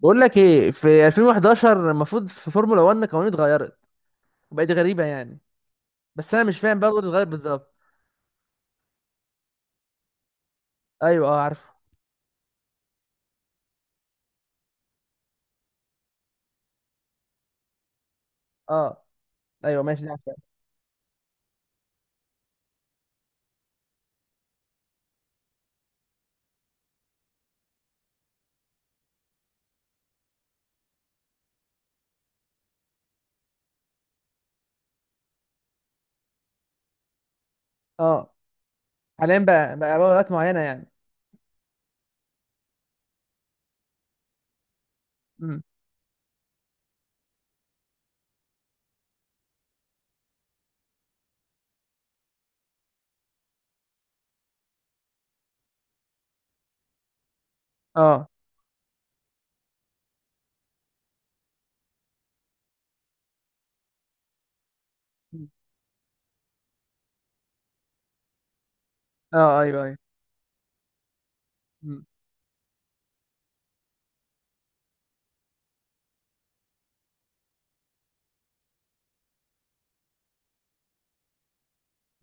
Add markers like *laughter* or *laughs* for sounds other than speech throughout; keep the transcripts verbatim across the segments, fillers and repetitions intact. بقول لك ايه في ألفين وحداشر المفروض في فورمولا واحد قوانين اتغيرت وبقت غريبه يعني. بس انا مش فاهم بقى القوانين اتغيرت بالظبط. ايوه اه عارفه. اه ايوه ماشي ده عارفه. اه حاليا بقى بقى اوقات معينه يعني. امم. اه. مم. اه ايوه ايوه. مم.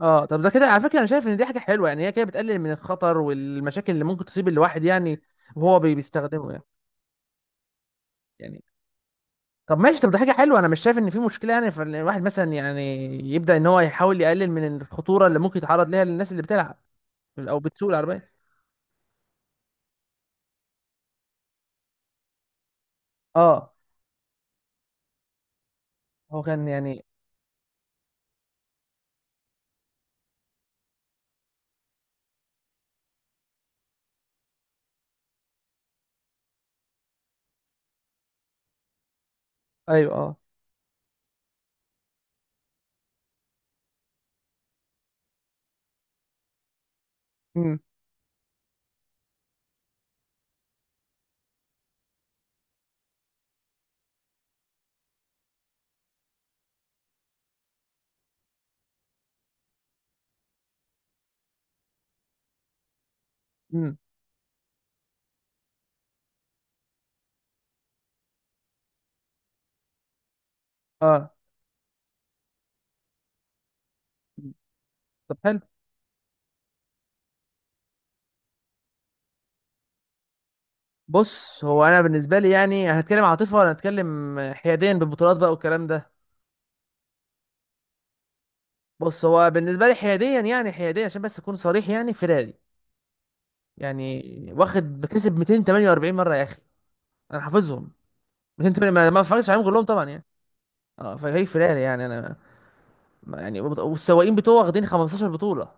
اه طب ده كده على فكره انا شايف ان دي حاجه حلوه يعني هي كده بتقلل من الخطر والمشاكل اللي ممكن تصيب الواحد يعني. وهو بي- بيستخدمه يعني. يعني طب ماشي طب ده حاجه حلوه انا مش شايف ان في مشكله يعني فالواحد مثلا يعني يبدا ان هو يحاول يقلل من الخطوره اللي ممكن يتعرض ليها للناس اللي بتلعب او بتسوق العربيه. اه هو كان يعني ايوه اه. امم. امم. اه طب حلو. بص هو انا بالنسبه لي يعني هنتكلم عاطفه ولا هنتكلم حياديا بالبطولات بقى والكلام ده. بص هو بالنسبه لي حياديا يعني حياديا عشان بس اكون صريح يعني فيراري يعني واخد بكسب مئتين وتمانية وأربعين مره يا اخي. انا حافظهم مئتين وتمانية. ما ما اتفرجتش عليهم كلهم طبعا يعني. اه فهي فيراري يعني انا ما- يعني وبط- والسواقين بتوعه واخدين خمستاشر بطوله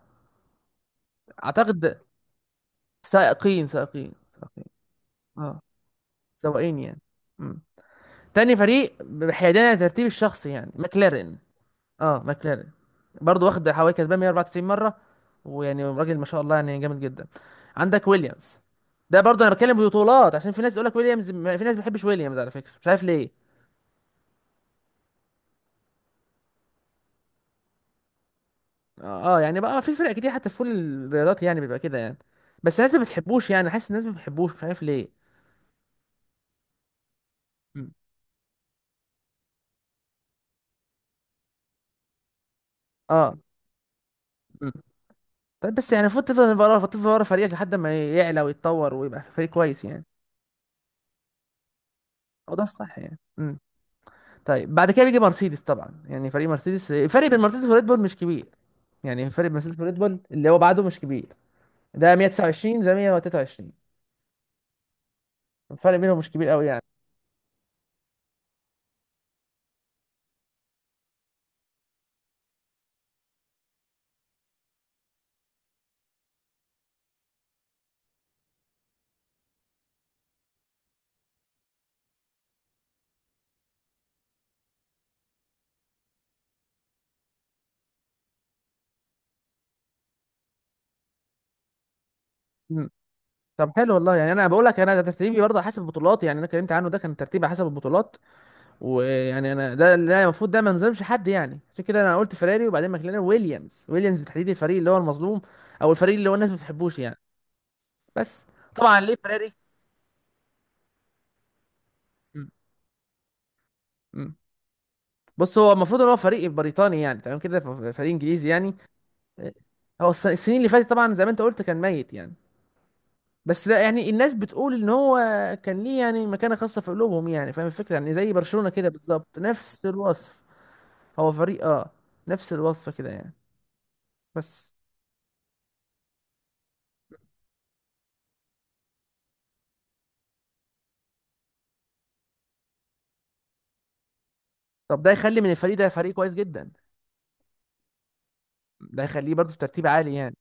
اعتقد. سائقين سائقين سائقين. اه سواقين يعني. إمم. تاني فريق بحيادية عن الترتيب الشخصي يعني ماكلارين. اه ماكلارين برضه واخد حوالي كسبان مية وأربعة وتسعين مرة. ويعني راجل ما شاء الله يعني جامد جدا. عندك ويليامز. ده برضه انا بتكلم ببطولات عشان في ناس يقول لك ويليامز ما- في ناس ما بتحبش ويليامز على فكرة مش عارف ليه. اه آه، يعني بقى في فرق كتير حتى في كل الرياضات يعني بيبقى كده يعني. بس الناس ما بتحبوش يعني حاسس الناس ما بتحبوش مش عارف ليه. م. اه. م. طيب بس يعني المفروض تفضل ورا تفضل ورا فريقك لحد ما يعلى ويتطور ويبقى فريق كويس يعني. هو ده الصح يعني. م. طيب بعد كده بيجي مرسيدس طبعا يعني فريق مرسيدس الفرق بين مرسيدس وريد بول مش كبير يعني. الفرق بين مرسيدس وريد بول اللي هو بعده مش كبير. ده مية وتسعة وعشرين ده مية وتلاتة وعشرين. الفرق بينهم مش كبير قوي يعني. مم. طب حلو والله يعني انا بقول لك انا ده ترتيبي برضه حسب البطولات يعني انا اتكلمت عنه ده كان ترتيبي حسب البطولات. ويعني انا ده ده المفروض ده ما نظلمش حد يعني عشان كده انا قلت فيراري وبعدين ماكلارين ويليامز. ويليامز بالتحديد الفريق اللي هو المظلوم او الفريق اللي هو الناس ما بتحبوش يعني. بس طبعا ليه فيراري. مم. مم. بص هو المفروض ان هو فريق بريطاني يعني تمام كده ف- فريق انجليزي يعني. آه، هو الس- السنين اللي فاتت طبعا زي ما انت قلت كان ميت يعني. بس لا يعني الناس بتقول ان هو كان ليه يعني مكانة خاصة في قلوبهم يعني فاهم الفكرة يعني زي برشلونة كده بالظبط نفس الوصف. هو فريق اه نفس الوصف كده يعني. بس طب ده يخلي من الفريق ده فريق كويس جدا. ده يخليه برضه في ترتيب عالي يعني.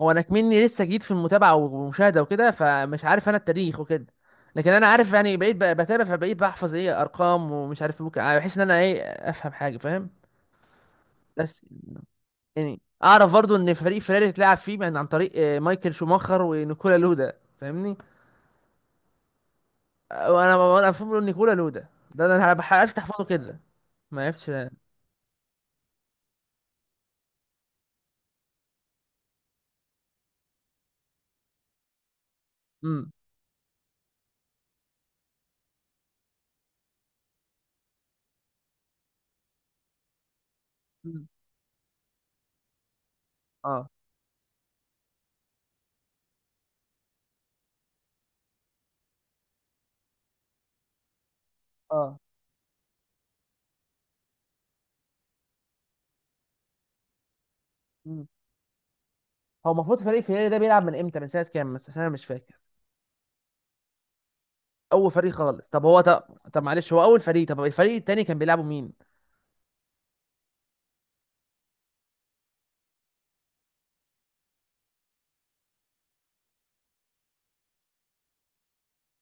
هو انا كمني لسه جديد في المتابعه والمشاهده وكده فمش عارف انا التاريخ وكده. لكن انا عارف يعني بقيت ب- بتابع فبقيت بحفظ ايه ارقام ومش عارف ممكن يعني بحس ان انا ايه افهم حاجه فاهم. بس يعني اعرف برضو ان فريق فيراري اتلعب فيه من عن طريق آه، مايكل شوماخر ونيكولا لودا فاهمني. آه، وانا وانا فاهم نيكولا لودا. ده انا عرفت عرفت احفظه كده. ما عرفتش. امم. اه اه. مم. هو المفروض فريق فيراري ده بيلعب من امتى من سنه كام مثلا عشان انا مش فاكر. اول فريق خالص طب هو طب, طب معلش هو اول فريق طب الفريق التاني كان بيلعبوا مين.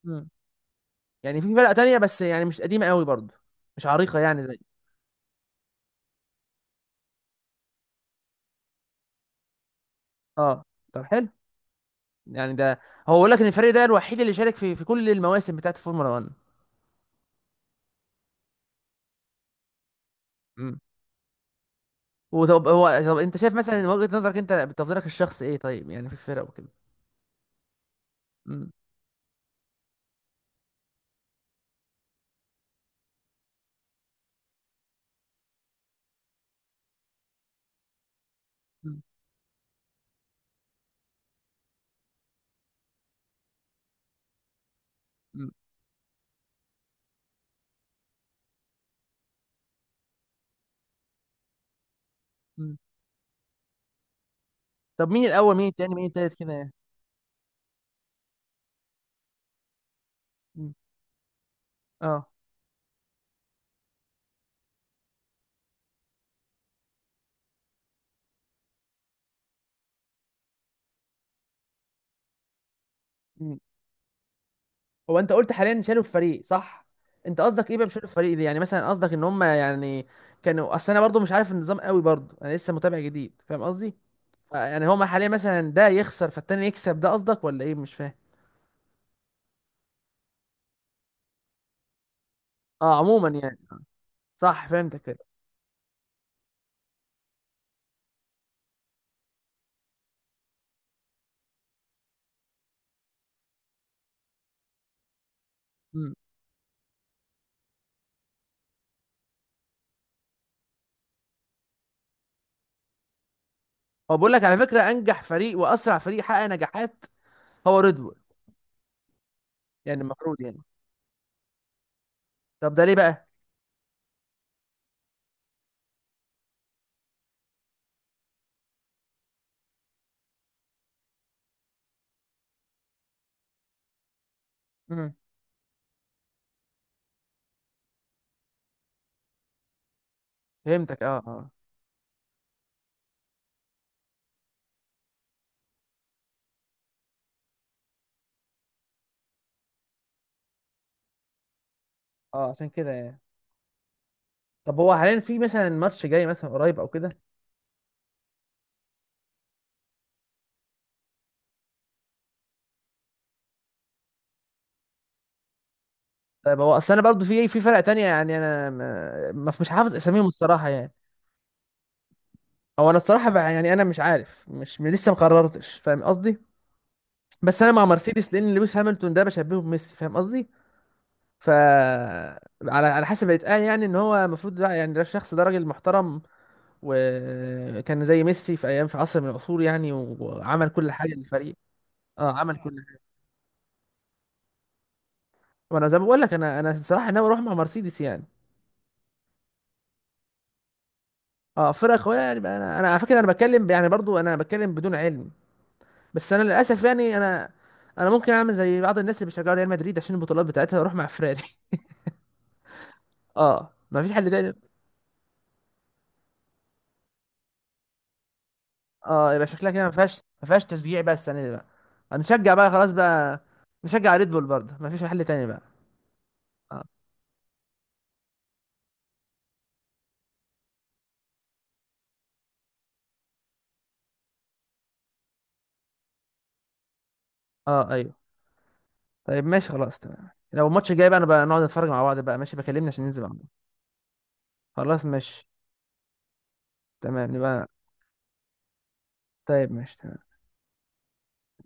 مم. يعني في فرقة تانية بس يعني مش قديمة قوي برضه مش عريقة يعني زي. اه طب حلو. يعني ده هو بيقول لك ان الفريق ده الوحيد اللي شارك في في كل المواسم بتاعت الفورمولا واحد. امم. وطب هو طب انت شايف مثلا من وجهة نظرك انت بتفضيلك الشخصي ايه طيب يعني في الفرق وكده. امم. مم. مم. مم. طب مين الاول مين التاني مين التالت كده يعني. مم. اه. هو انت قلت حاليا شالوا الفريق صح. انت قصدك ايه بقى بشالوا الفريق دي يعني مثلا قصدك ان هم يعني كانوا اصل انا برضو مش عارف النظام قوي برضو انا لسه متابع جديد فاهم قصدي. ف- يعني هما حاليا مثلا ده يخسر فالتاني يكسب ده قصدك ولا ايه مش فاهم. اه عموما يعني صح فهمتك كده. امم. هو بقول لك على فكره انجح فريق واسرع فريق حقق نجاحات هو ريد بول. يعني المفروض يعني طب ده ليه بقى. امم. فهمتك اه اه. اه عشان كده يعني. طب هو حاليا في مثلا ماتش جاي مثلا قريب او كده. طيب هو اصل انا برضه في إيه، في فرق تانية يعني انا ما ما- مش حافظ اساميهم الصراحه يعني. او انا الصراحه بقى يعني انا مش عارف مش م- لسه ما قررتش فاهم قصدي. بس انا مع مرسيدس لان لويس هامilton ده بشبهه بميسي فاهم قصدي. ف على على حسب الاتقان يعني ان هو المفروض ده- يعني ده الشخص ده راجل محترم. وكان زي ميسي في ايام في عصر من العصور يعني وعمل كل حاجه للفريق. اه عمل كل حاجه. وانا زي ما بقول لك انا انا الصراحه ناوي اروح مع مرسيدس يعني. اه فرقه قويه يعني بقى انا انا على فكره انا بتكلم يعني برضو انا بتكلم بدون علم. بس انا للاسف يعني انا انا ممكن اعمل زي بعض الناس اللي بيشجعوا ريال مدريد عشان البطولات بتاعتها واروح مع فراري. *laughs* اه ما فيش حل تاني. اه يبقى شكلها كده ما فيهاش ما فيهاش تشجيع بقى السنه دي بقى. هنشجع بقى خلاص بقى. نشجع ريد بول برضه ما فيش حل تاني بقى. اه اه ايوه. طيب ماشي خلاص تمام لو الماتش الجاي بقى انا بقى نقعد نتفرج مع بعض بقى ماشي بكلمني عشان ننزل مع بعض. خلاص ماشي. تمام نبقى. طيب ماشي.